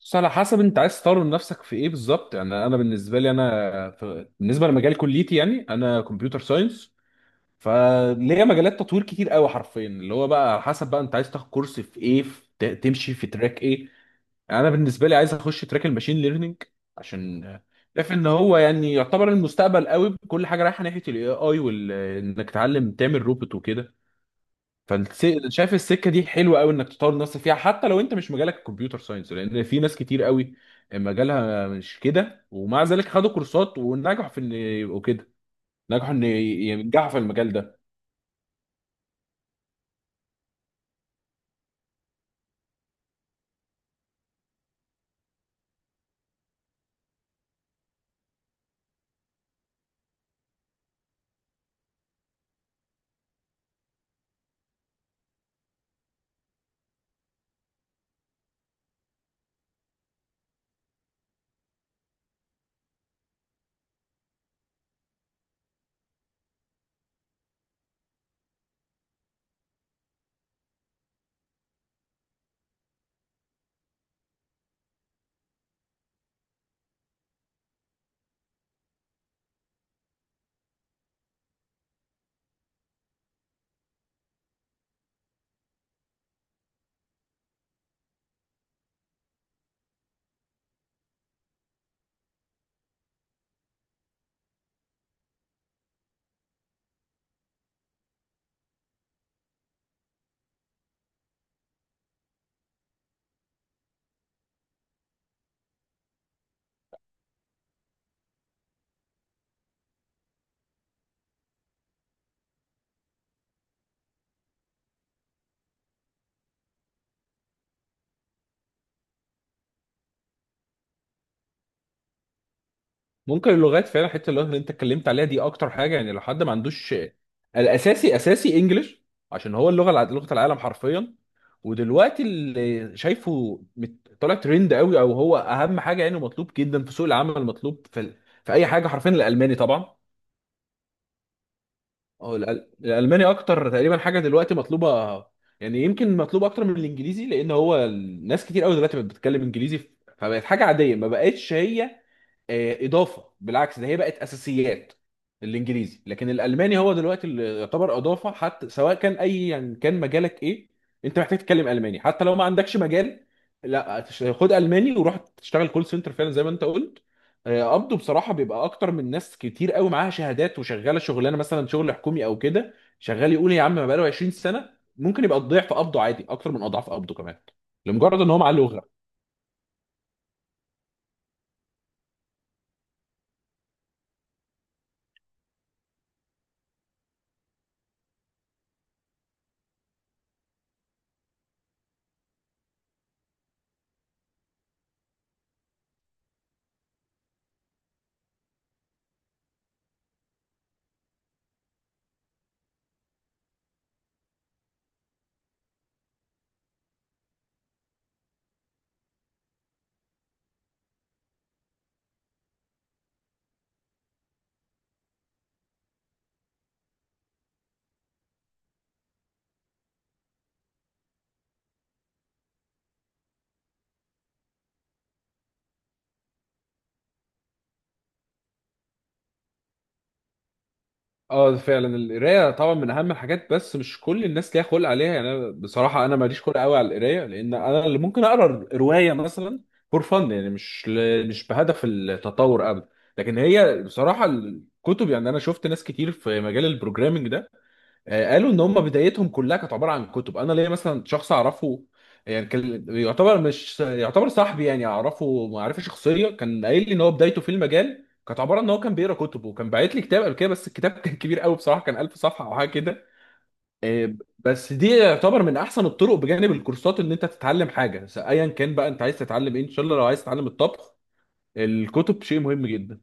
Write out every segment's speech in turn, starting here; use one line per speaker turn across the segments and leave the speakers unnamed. بس على حسب انت عايز تطور من نفسك في ايه بالظبط، يعني انا بالنسبه لي انا بالنسبه لمجال كليتي، يعني انا كمبيوتر ساينس. فليا مجالات تطوير كتير قوي، حرفيا اللي هو بقى على حسب بقى انت عايز تاخد كورس في ايه، تمشي في تراك ايه. يعني انا بالنسبه لي عايز اخش تراك الماشين ليرنينج، عشان شايف ان هو يعني يعتبر المستقبل قوي، كل حاجه رايحه ناحيه الاي اي وال انك تتعلم تعمل روبوت وكده. شايف السكه دي حلوه قوي انك تطور نفسك فيها، حتى لو انت مش مجالك الكمبيوتر ساينس، لان في ناس كتير قوي مجالها مش كده ومع ذلك خدوا كورسات ونجحوا في ان يبقوا كده، نجحوا ان ينجحوا في المجال ده. ممكن اللغات فعلا، حته اللغات اللي انت اتكلمت عليها دي اكتر حاجه، يعني لو حد ما عندوش الاساسي، اساسي انجلش، عشان هو اللغه لغه العالم حرفيا. ودلوقتي اللي شايفه طالع ترند قوي، او هو اهم حاجه يعني، مطلوب جدا في سوق العمل، مطلوب في اي حاجه حرفيا، الالماني طبعا. هو الالماني اكتر تقريبا حاجه دلوقتي مطلوبه. يعني يمكن مطلوب اكتر من الانجليزي، لان هو الناس كتير قوي دلوقتي بقت بتتكلم انجليزي فبقت حاجه عاديه، ما بقتش هي اضافه. بالعكس ده هي بقت اساسيات الانجليزي، لكن الالماني هو دلوقتي اللي يعتبر اضافه، حتى سواء كان اي، يعني كان مجالك ايه، انت محتاج تتكلم الماني حتى لو ما عندكش مجال. لا خد الماني وروح تشتغل كول سنتر فعلا زي ما انت قلت. قبضه بصراحه بيبقى اكتر من ناس كتير قوي معاها شهادات، وشغاله شغلانه مثلا شغل حكومي او كده، شغال يقول يا عم ما بقاله 20 سنه، ممكن يبقى ضعف قبضه عادي اكتر من اضعاف قبضه كمان، لمجرد ان هو معاه لغه. اه فعلا، القرايه طبعا من اهم الحاجات، بس مش كل الناس ليها خلق عليها، يعني انا بصراحه انا ماليش خلق قوي على القرايه، لان انا اللي ممكن اقرا روايه مثلا فور فن، يعني مش بهدف التطور ابدا. لكن هي بصراحه الكتب، يعني انا شفت ناس كتير في مجال البروجرامينج ده، قالوا ان هم بدايتهم كلها كانت عباره عن كتب. انا ليا مثلا شخص اعرفه، يعني كان يعتبر مش يعتبر صاحبي، يعني اعرفه معرفه شخصيه، كان قايل لي ان هو بدايته في المجال كانت عباره ان هو كان بيقرا كتب، وكان باعت لي كتاب قبل كده، بس الكتاب كان كبير قوي بصراحه، كان 1000 صفحه او حاجه كده. بس دي يعتبر من احسن الطرق بجانب الكورسات، ان انت تتعلم حاجه ايا كان بقى انت عايز تتعلم ايه، ان شاء الله لو عايز تتعلم الطبخ الكتب شيء مهم جدا.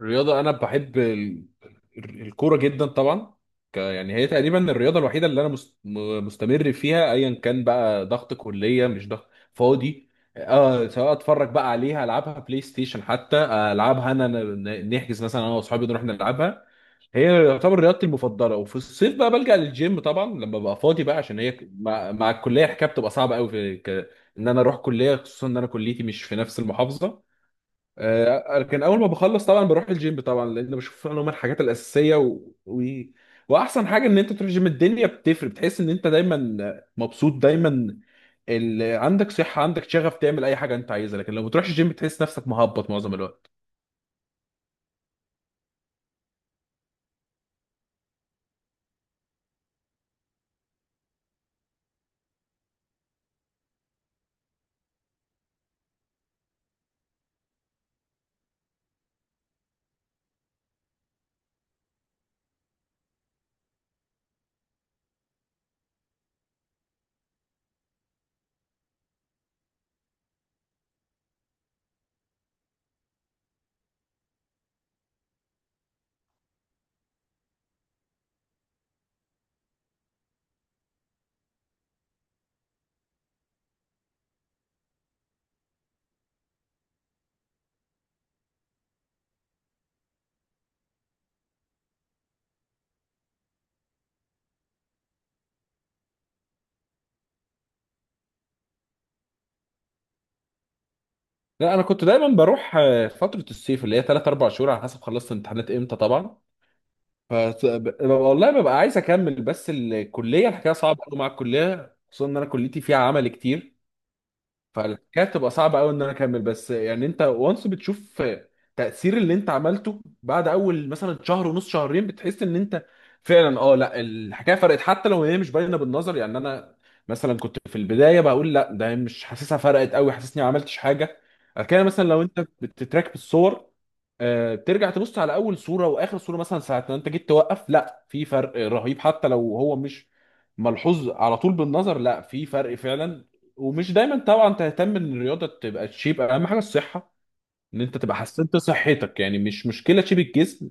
الرياضه انا بحب الكوره جدا طبعا، يعني هي تقريبا الرياضه الوحيده اللي انا مستمر فيها ايا كان بقى، ضغط كليه مش ضغط فاضي. اه، سواء اتفرج بقى عليها، العبها بلاي ستيشن حتى، العبها انا نحجز مثلا انا واصحابي نروح نلعبها. هي يعتبر رياضتي المفضله، وفي الصيف بقى بلجأ للجيم طبعا لما ببقى فاضي بقى، عشان هي مع الكليه الحكايه بتبقى صعبه قوي ان انا اروح كليه، خصوصا ان انا كليتي مش في نفس المحافظه. لكن اول ما بخلص طبعا بروح الجيم طبعا، لان بشوف ان هم الحاجات الاساسيه و... واحسن حاجه ان انت تروح الجيم، الدنيا بتفرق، بتحس ان انت دايما مبسوط دايما، عندك صحه عندك شغف تعمل اي حاجه انت عايزها، لكن لو ما بتروحش الجيم بتحس نفسك مهبط معظم الوقت. لا انا كنت دايما بروح، فتره الصيف اللي هي 3 4 شهور على حسب خلصت امتحانات امتى طبعا، ف والله ببقى عايز اكمل، بس الكليه الحكايه صعبه قوي مع الكليه، خصوصا ان انا كليتي فيها عمل كتير، فكانت تبقى صعبه قوي ان انا اكمل. بس يعني انت وانس بتشوف تاثير اللي انت عملته بعد اول مثلا شهر ونص، شهرين بتحس ان انت فعلا، اه لا الحكايه فرقت حتى لو هي مش باينه بالنظر، يعني انا مثلا كنت في البدايه بقول لا ده مش حاسسها فرقت قوي، حاسسني ما عملتش حاجه. كان مثلا لو انت بتتراك بالصور بترجع تبص على اول صوره واخر صوره، مثلا ساعه ما انت جيت توقف، لا في فرق رهيب حتى لو هو مش ملحوظ على طول بالنظر، لا في فرق فعلا. ومش دايما طبعا تهتم ان الرياضه تبقى تشيب، اهم حاجه الصحه، ان انت تبقى حسنت صحتك، يعني مش مشكله تشيب الجسم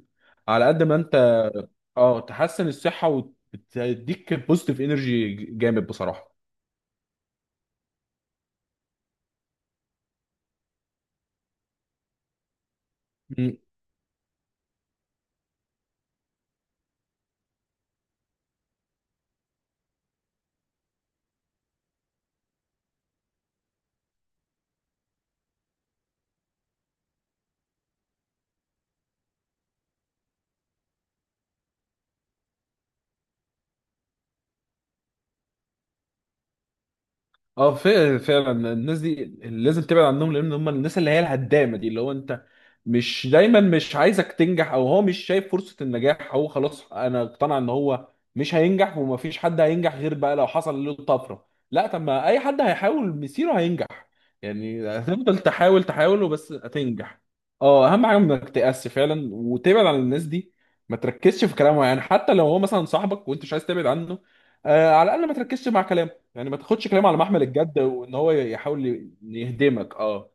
على قد ما انت، اه تحسن الصحه وتديك بوزيتيف انرجي جامد بصراحه. اه فعلا فعلا الناس دي لازم تبعد عنهم، لان هم الناس اللي هي الهدامه دي، اللي هو انت مش دايما مش عايزك تنجح، او هو مش شايف فرصه النجاح، هو خلاص انا اقتنع ان هو مش هينجح ومفيش حد هينجح غير بقى لو حصل له طفره، لا طب ما اي حد هيحاول مسيره هينجح، يعني هتفضل تحاول تحاول وبس هتنجح. اه اهم حاجه انك تقس فعلا، وتبعد عن الناس دي، ما تركزش في كلامه، يعني حتى لو هو مثلا صاحبك وانت مش عايز تبعد عنه، آه على الاقل ما تركزش مع كلامه، يعني ما تاخدش كلام على محمل الجد وان هو يحاول يهدمك اه.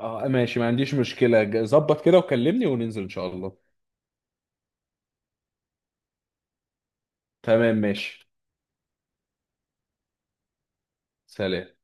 اه ماشي، ما عنديش مشكلة، ظبط كده وكلمني وننزل ان شاء الله، تمام ماشي سلام.